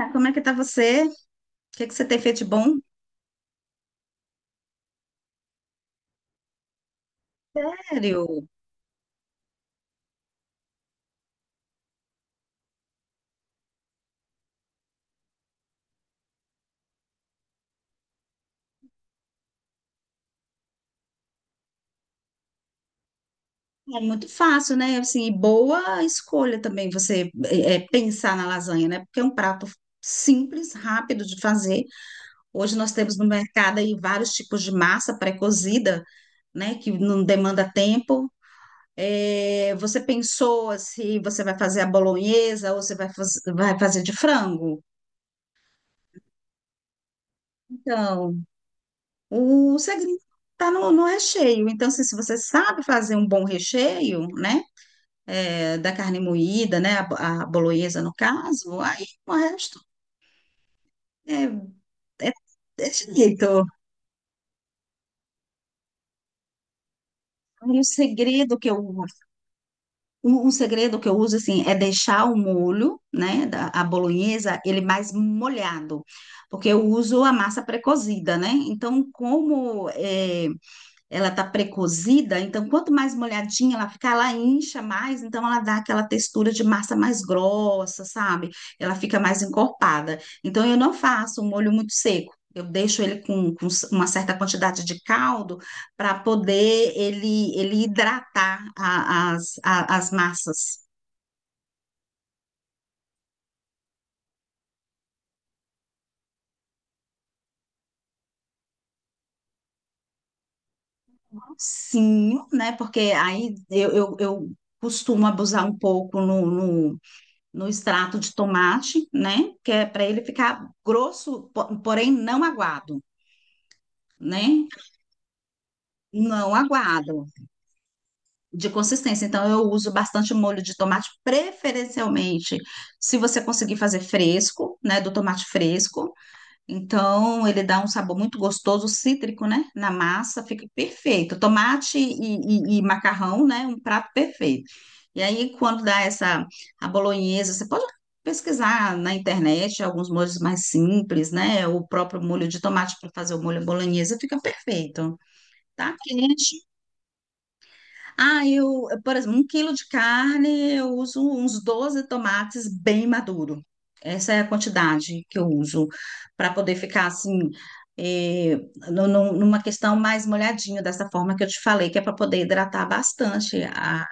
Ah, como é que tá você? O que é que você tem feito de bom? Sério? É muito fácil, né? Assim, e boa escolha também você pensar na lasanha, né? Porque é um prato simples, rápido de fazer. Hoje nós temos no mercado aí vários tipos de massa pré-cozida, né? Que não demanda tempo. É, você pensou se você vai fazer a bolonhesa ou você vai fazer de frango? Então, o segredo tá no recheio. Então, assim, se você sabe fazer um bom recheio, né? Da carne moída, né? A bolonhesa, no caso, aí o resto é, é, é jeito. Um segredo que eu, um segredo que eu uso, assim, é deixar o molho, né? A bolonhesa, ele mais molhado, porque eu uso a massa pré-cozida, né? Então, como é, ela tá precozida, então quanto mais molhadinha ela ficar, ela incha mais, então ela dá aquela textura de massa mais grossa, sabe? Ela fica mais encorpada. Então eu não faço um molho muito seco. Eu deixo ele com uma certa quantidade de caldo para poder ele hidratar as massas. Sim, né? Porque aí eu costumo abusar um pouco no extrato de tomate, né? Que é para ele ficar grosso, porém não aguado, né? Não aguado, de consistência. Então, eu uso bastante molho de tomate, preferencialmente, se você conseguir fazer fresco, né? Do tomate fresco. Então, ele dá um sabor muito gostoso, cítrico, né? Na massa, fica perfeito. Tomate e macarrão, né? Um prato perfeito. E aí, quando dá essa a bolonhesa, você pode pesquisar na internet alguns molhos mais simples, né? O próprio molho de tomate para fazer o molho bolonhesa fica perfeito. Tá quente. Ah, eu, por exemplo, um quilo de carne, eu uso uns 12 tomates bem maduro. Essa é a quantidade que eu uso para poder ficar assim, eh, numa questão mais molhadinho, dessa forma que eu te falei, que é para poder hidratar bastante a,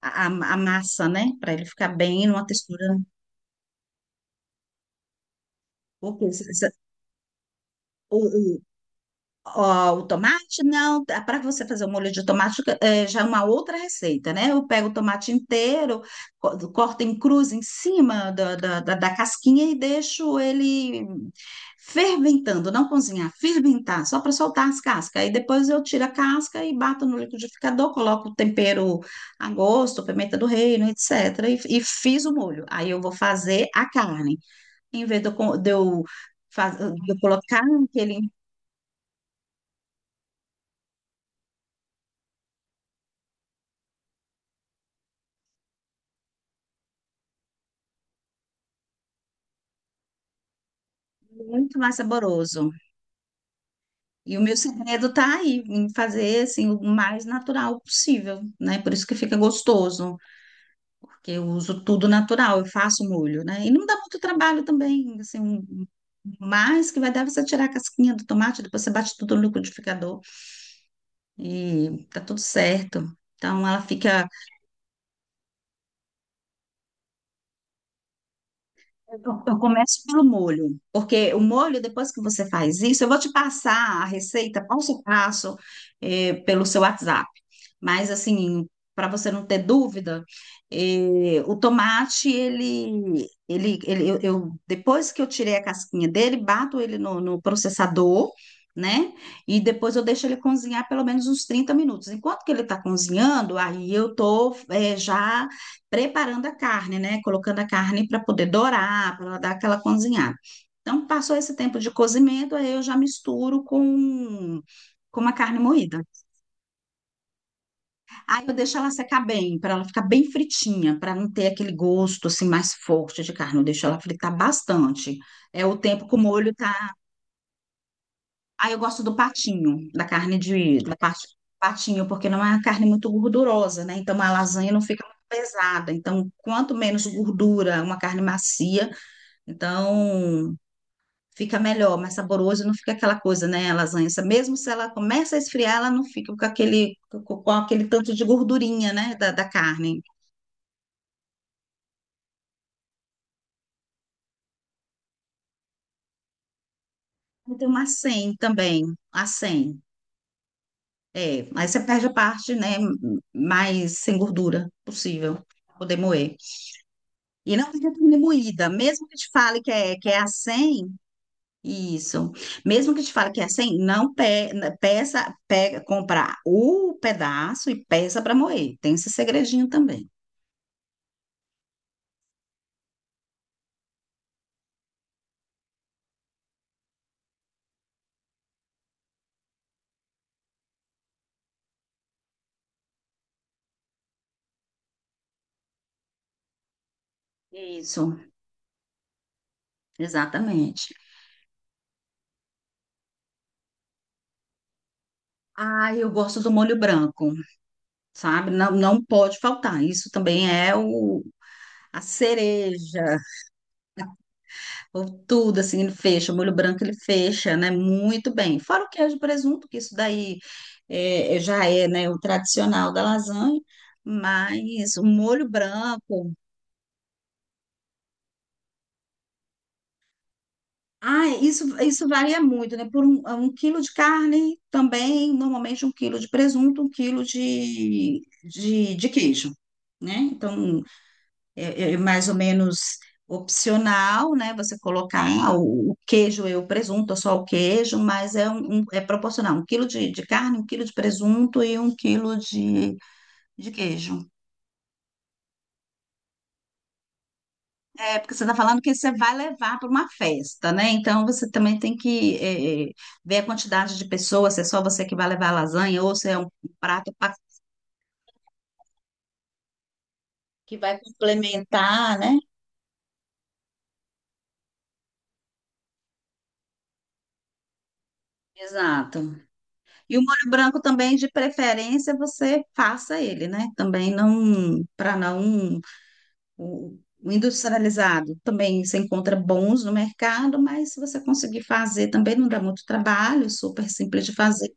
a, a massa, né? Para ele ficar bem numa textura, né? Porque Ó, o tomate, não, para você fazer o molho de tomate já é uma outra receita, né? Eu pego o tomate inteiro, corto em cruz em cima da casquinha e deixo ele ferventando, não cozinhar, ferventar, só para soltar as cascas. Aí depois eu tiro a casca e bato no liquidificador, coloco o tempero a gosto, pimenta do reino, etc. E fiz o molho. Aí eu vou fazer a carne. Em vez de eu, co- de eu faz- de eu colocar aquele. Muito mais saboroso. E o meu segredo tá aí, em fazer assim o mais natural possível, né? Por isso que fica gostoso, porque eu uso tudo natural, eu faço molho, né? E não dá muito trabalho também, assim, um mais que vai dar você tirar a casquinha do tomate, depois você bate tudo no liquidificador e tá tudo certo. Então ela fica. Eu começo pelo molho, porque o molho, depois que você faz isso, eu vou te passar a receita passo a passo, pelo seu WhatsApp. Mas assim, para você não ter dúvida, o tomate depois que eu tirei a casquinha dele, bato ele no processador, né? E depois eu deixo ele cozinhar pelo menos uns 30 minutos. Enquanto que ele está cozinhando, aí eu tô já preparando a carne, né? Colocando a carne para poder dourar, para dar aquela cozinhada. Então, passou esse tempo de cozimento, aí eu já misturo com uma carne moída. Aí eu deixo ela secar bem, para ela ficar bem fritinha, para não ter aquele gosto assim mais forte de carne. Eu deixo ela fritar bastante. É o tempo que o molho tá. Aí eu gosto do patinho, da carne de da parte patinho, porque não é uma carne muito gordurosa, né? Então a lasanha não fica muito pesada. Então, quanto menos gordura, uma carne macia, então fica melhor, mais saboroso, não fica aquela coisa, né, a lasanha, mesmo se ela começa a esfriar, ela não fica com aquele tanto de gordurinha, né, da carne. Eu tenho uma 100 também, a 100. É, aí você perde a parte, né, mais sem gordura possível, pra poder moer. E não fica tudo moída, mesmo que te fale que é a 100, isso. Mesmo que te fale que é a 100, não né, peça, pega, comprar o pedaço e peça para moer. Tem esse segredinho também. Isso, exatamente. Ah, eu gosto do molho branco, sabe? Não, não pode faltar. Isso também é a cereja. Ou tudo assim, ele fecha, o molho branco ele fecha, né? Muito bem. Fora o queijo e presunto, que isso daí já é, né, o tradicional da lasanha, mas o molho branco. Ah, isso varia muito, né? Por um quilo de carne também, normalmente um quilo de presunto, um quilo de queijo, né? Então, é mais ou menos opcional, né? Você colocar "Ah, o queijo e o presunto, ou só o queijo, mas é proporcional. Um quilo de carne, um quilo de presunto e um quilo de queijo. É, porque você está falando que você vai levar para uma festa, né? Então você também tem que ver a quantidade de pessoas, se é só você que vai levar a lasanha ou se é um prato que vai complementar, né? Exato. E o molho branco também, de preferência, você faça ele, né? Também não, para não, o industrializado também você encontra bons no mercado, mas se você conseguir fazer, também não dá muito trabalho, super simples de fazer.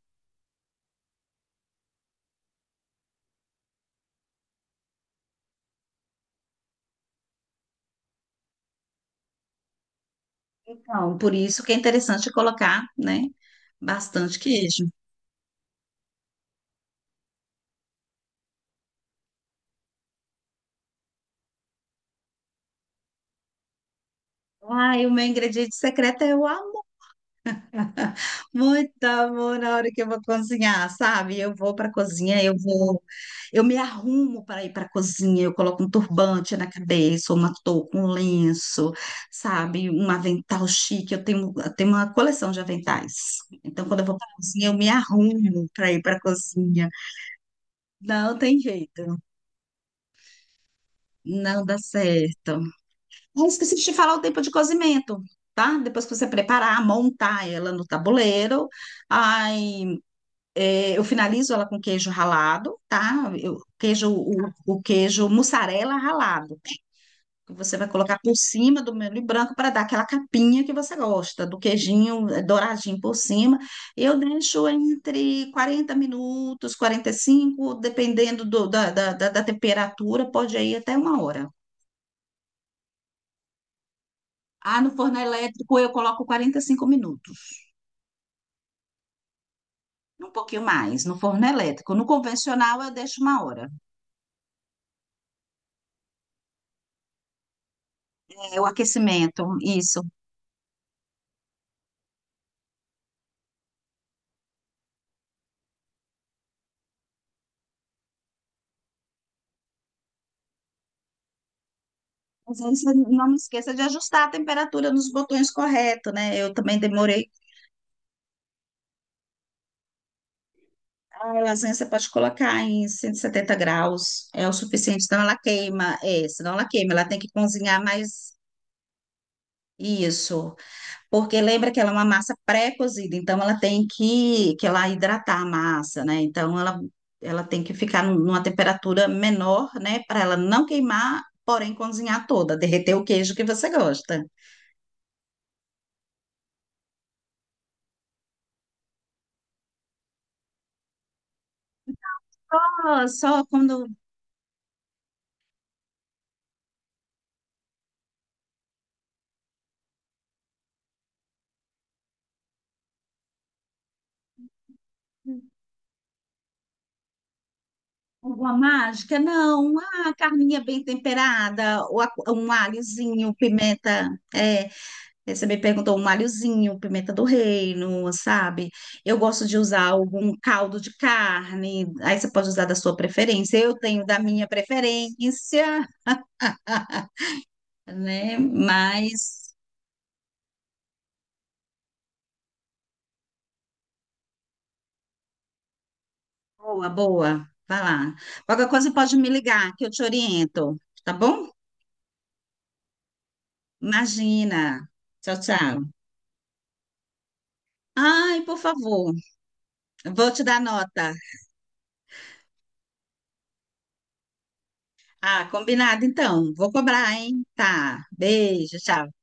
Então, por isso que é interessante colocar, né? Bastante queijo. Ah, e o meu ingrediente secreto é o Muito amor na hora que eu vou cozinhar, sabe? Eu vou para a cozinha, eu me arrumo para ir para a cozinha, eu coloco um turbante na cabeça, uma touca, um lenço, sabe? Um avental chique. Eu tenho uma coleção de aventais. Então, quando eu vou para a cozinha, eu me arrumo para ir para a cozinha. Não tem jeito, não dá certo. Eu esqueci de te falar o tempo de cozimento. Tá? Depois que você preparar, montar ela no tabuleiro, aí eu finalizo ela com queijo ralado, tá? O queijo mussarela ralado. Você vai colocar por cima do molho branco para dar aquela capinha que você gosta, do queijinho douradinho por cima. Eu deixo entre 40 minutos, 45, dependendo da temperatura, pode ir até uma hora. Ah, no forno elétrico eu coloco 45 minutos, um pouquinho mais, no forno elétrico. No convencional eu deixo uma hora. É o aquecimento, isso. Mas vezes você não me esqueça de ajustar a temperatura nos botões correto, né? Eu também demorei. A lasanha você pode colocar em 170 graus, é o suficiente, senão ela queima. É, senão ela queima, ela tem que cozinhar mais isso. Porque lembra que ela é uma massa pré-cozida, então ela tem que ela hidratar a massa, né? Então ela tem que ficar numa temperatura menor, né? Para ela não queimar, porém cozinhar toda, derreter o queijo que você gosta. Só só quando Uma mágica? Não, uma carninha bem temperada, ou um alhozinho, pimenta. É, Você me perguntou um alhozinho, pimenta do reino, sabe? Eu gosto de usar algum caldo de carne, aí você pode usar da sua preferência. Eu tenho da minha preferência, né? Mas, boa, boa. Vai lá. Qualquer coisa pode me ligar, que eu te oriento, tá bom? Imagina. Tchau, tchau. Ai, por favor, vou te dar nota. Ah, combinado então. Vou cobrar, hein? Tá. Beijo, tchau.